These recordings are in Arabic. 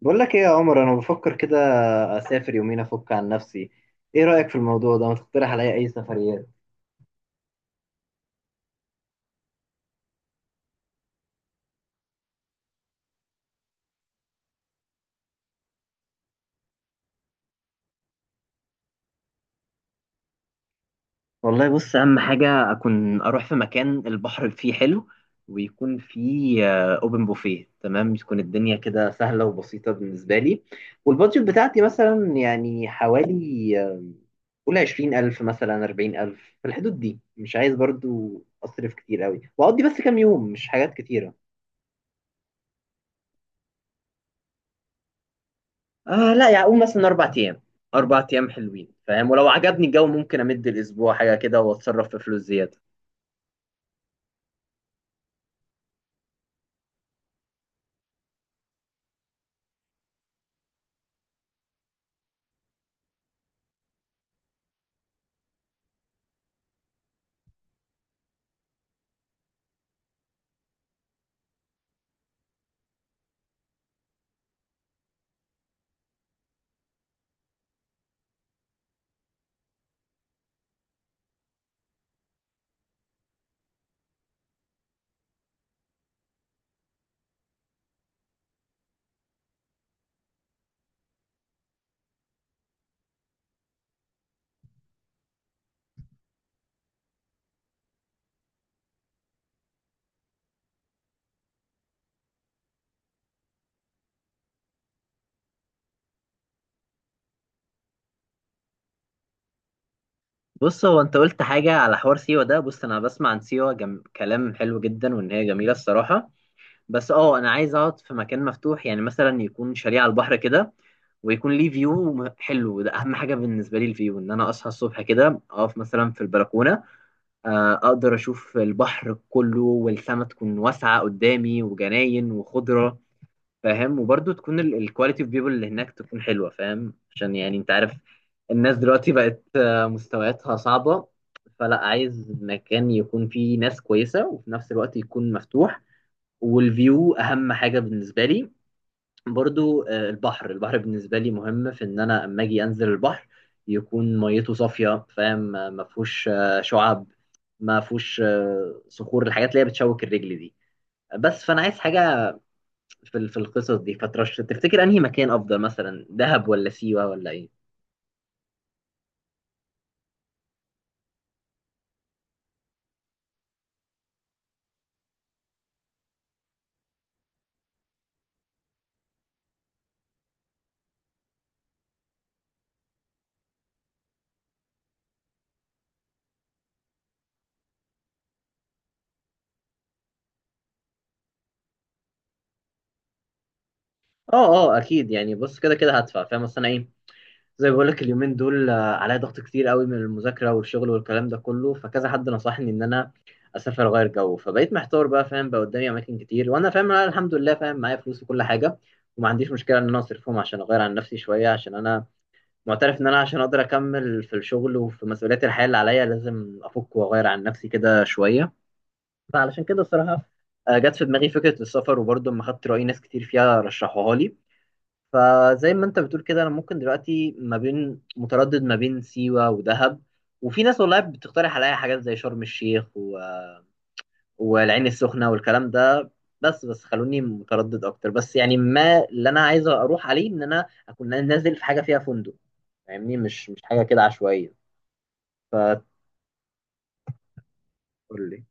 بقول لك ايه يا عمر، انا بفكر كده. اسافر يومين افك عن نفسي. ايه رايك في الموضوع ده؟ ما تقترح عليا اي سفريات؟ والله بص، اهم حاجه اكون اروح في مكان البحر فيه حلو، ويكون فيه اوبن بوفيه. تمام، تكون الدنيا كده سهله وبسيطه بالنسبه لي. والبادجت بتاعتي مثلا يعني حوالي آه، قول 20,000 مثلا، 40,000، في الحدود دي. مش عايز برضو اصرف كتير قوي واقضي بس كام يوم، مش حاجات كتيره. آه لا، يعني اقول مثلا 4 ايام. 4 ايام حلوين، فاهم؟ ولو عجبني الجو ممكن امد الاسبوع حاجه كده واتصرف في فلوس زياده. بص، هو انت قلت حاجه على حوار سيوه ده. بص، انا بسمع عن سيوه كلام حلو جدا وان هي جميله الصراحه. بس اه، انا عايز اقعد في مكان مفتوح، يعني مثلا يكون شاليه على البحر كده، ويكون ليه فيو حلو. ده اهم حاجه بالنسبه لي، الفيو، ان انا اصحى الصبح كده اقف مثلا في البلكونه، اقدر اشوف البحر كله والسما تكون واسعه قدامي وجناين وخضره، فاهم؟ وبرضه تكون الكواليتي اوف بيبول اللي هناك تكون حلوه، فاهم، عشان يعني انت عارف الناس دلوقتي بقت مستوياتها صعبه. فلا، عايز مكان يكون فيه ناس كويسه وفي نفس الوقت يكون مفتوح، والفيو اهم حاجه بالنسبه لي. برضو البحر بالنسبه لي مهم في ان انا اما اجي انزل البحر يكون ميته صافيه، فاهم، ما فيهوش شعاب، ما فيهوش صخور، الحاجات اللي هي بتشوك الرجل دي. بس فانا عايز حاجه في في القصص دي. فترش تفتكر انهي مكان افضل، مثلا دهب ولا سيوة ولا ايه؟ اه اه، اكيد يعني. بص، كده كده هدفع، فاهم، اصل انا ايه، زي ما بقول لك اليومين دول عليا ضغط كتير قوي من المذاكره والشغل والكلام ده كله، فكذا حد نصحني ان انا اسافر اغير جو. فبقيت محتار بقى، فاهم، بقى قدامي اماكن كتير وانا فاهم، انا الحمد لله فاهم، معايا فلوس وكل حاجه، وما عنديش مشكله ان انا اصرفهم عشان اغير عن نفسي شويه، عشان انا معترف ان انا عشان اقدر اكمل في الشغل وفي مسؤوليات الحياه اللي عليا لازم افك واغير عن نفسي كده شويه. فعلشان كده الصراحة جت في دماغي فكرة السفر، وبرضه لما خدت رأي ناس كتير فيها رشحوها لي. فزي ما انت بتقول كده، انا ممكن دلوقتي ما بين متردد ما بين سيوة ودهب، وفي ناس والله بتقترح عليا حاجات زي شرم الشيخ والعين السخنة والكلام ده. بس خلوني متردد اكتر. بس يعني ما اللي انا عايز اروح عليه ان انا اكون نازل في حاجة فيها فندق، فاهمني، مش حاجة كده عشوائية. فتقول لي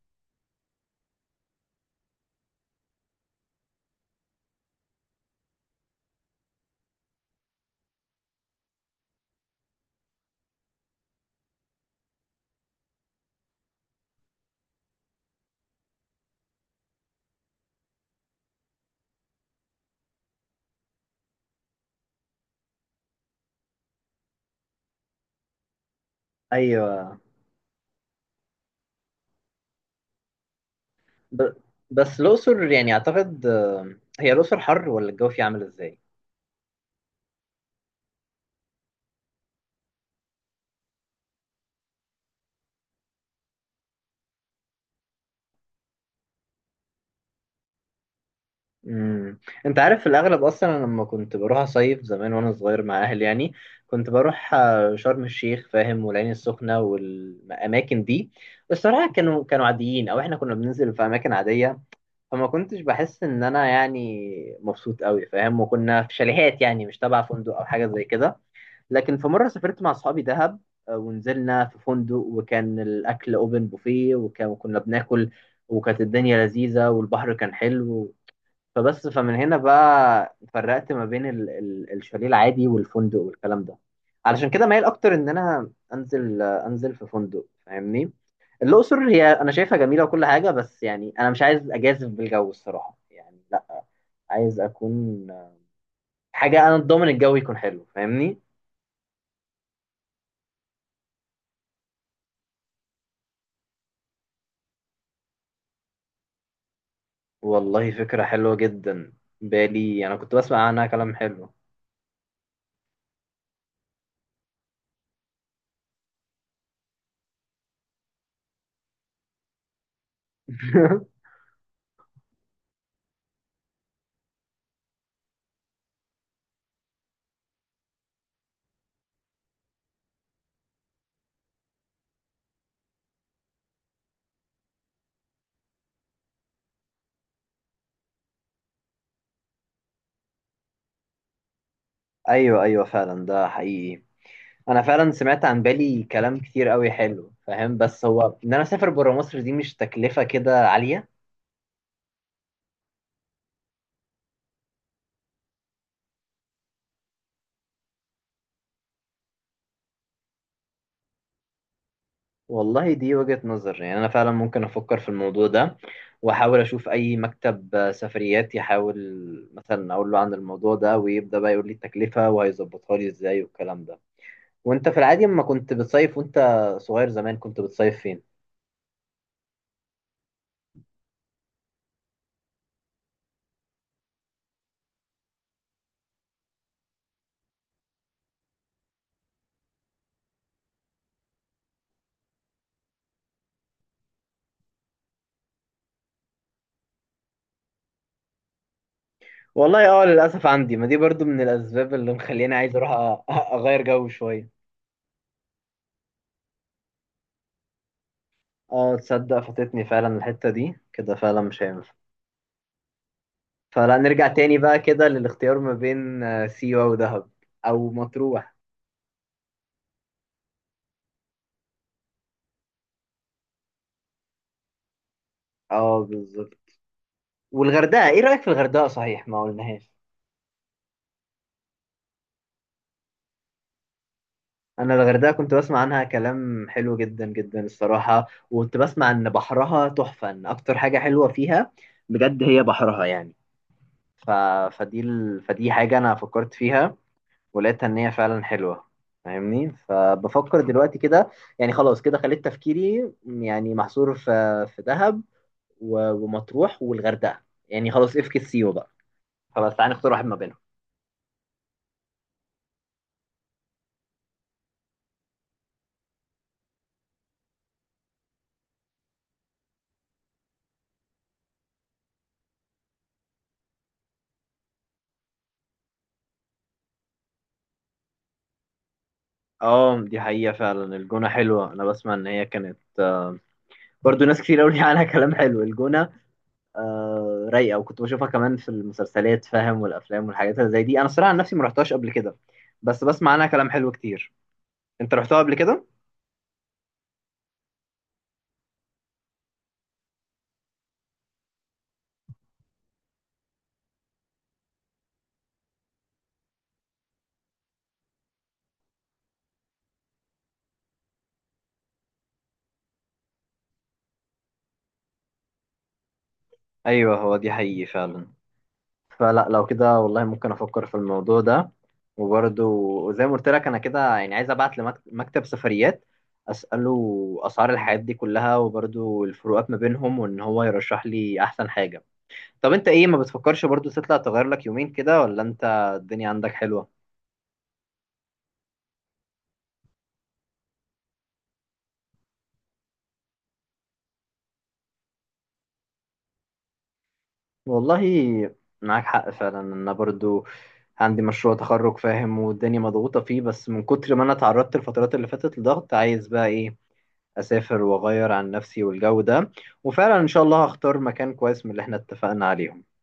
ايوه. ب... بس الأقصر يعني أعتقد، هي الأقصر حر ولا الجو فيها عامل إزاي؟ امم أنت عارف في الأغلب أصلا أنا لما كنت بروح أصيف زمان وأنا صغير مع أهلي، يعني كنت بروح شرم الشيخ، فاهم، والعين السخنة والأماكن دي. الصراحة كانوا عاديين، أو إحنا كنا بننزل في أماكن عادية، فما كنتش بحس إن أنا يعني مبسوط قوي، فاهم، وكنا في شاليهات يعني مش تبع فندق أو حاجة زي كده. لكن في مرة سافرت مع أصحابي دهب، ونزلنا في فندق وكان الأكل أوبن بوفيه، وكنا بناكل، وكانت الدنيا لذيذة والبحر كان حلو. فبس، فمن هنا بقى فرقت ما بين ال الشاليه العادي والفندق والكلام ده. علشان كده مايل أكتر إن أنا أنزل، أنزل في فندق، فاهمني. الأقصر هي أنا شايفها جميلة وكل حاجة، بس يعني أنا مش عايز أجازف بالجو الصراحة، يعني لا. عايز أكون حاجة أنا ضامن الجو يكون حلو، فاهمني. والله فكرة حلوة جدا. بالي أنا كنت بسمع عنها كلام حلو. أيوة أيوة، فعلا ده حقيقي. أنا فعلا سمعت عن بالي كلام كتير قوي حلو، فاهم، بس هو إن أنا أسافر برا مصر دي، مش تكلفة كده عالية؟ والله دي وجهة نظر، يعني أنا فعلا ممكن أفكر في الموضوع ده، وأحاول أشوف أي مكتب سفريات، يحاول مثلا أقول له عن الموضوع ده ويبدأ بقى يقول لي التكلفة وهيظبطها لي إزاي والكلام ده. وأنت في العادي لما كنت بتصيف وأنت صغير زمان كنت بتصيف فين؟ والله اه، للاسف عندي، ما دي برضو من الاسباب اللي مخليني عايز اروح اغير جو شويه. اه تصدق فاتتني فعلا الحته دي، كده فعلا مش هينفع. فلا نرجع تاني بقى كده للاختيار ما بين سيوه ودهب او مطروح. اه بالظبط. والغردقه، ايه رايك في الغردقه؟ صحيح ما قلناهاش. انا الغردقه كنت بسمع عنها كلام حلو جدا جدا الصراحه، وكنت بسمع ان بحرها تحفه، ان اكتر حاجه حلوه فيها بجد هي بحرها يعني. ف... فدي حاجه انا فكرت فيها ولقيتها ان هي فعلا حلوه، فاهمني. فبفكر دلوقتي كده. يعني خلاص كده خليت تفكيري يعني محصور في دهب ومطروح والغردقه. يعني خلاص افكس سيو بقى. خلاص تعالى نختار واحد ما بينهم. اه دي حقيقة، فعلا الجونة حلوة. أنا بسمع إن هي كانت برضو ناس كتير قوي عنها كلام حلو الجونة. آه رايقة، وكنت بشوفها كمان في المسلسلات، فاهم، والأفلام والحاجات اللي زي دي. أنا الصراحة عن نفسي ما رحتهاش قبل كده، بس بسمع عنها كلام حلو كتير. أنت رحتها قبل كده؟ أيوه، هو دي حقيقي فعلا. فلا لو كده والله ممكن افكر في الموضوع ده. وبرده زي ما قلت لك انا كده يعني عايز ابعت لمكتب سفريات اساله اسعار الحاجات دي كلها، وبرده الفروقات ما بينهم، وان هو يرشح لي احسن حاجه. طب انت ايه، ما بتفكرش برضو تطلع تغير لك يومين كده، ولا انت الدنيا عندك حلوه؟ والله معاك حق فعلا. انا برضو عندي مشروع تخرج، فاهم، والدنيا مضغوطه فيه، بس من كتر ما انا اتعرضت الفترات اللي فاتت لضغط عايز بقى ايه، اسافر واغير عن نفسي والجو ده. وفعلا ان شاء الله هختار مكان كويس من اللي احنا اتفقنا عليه.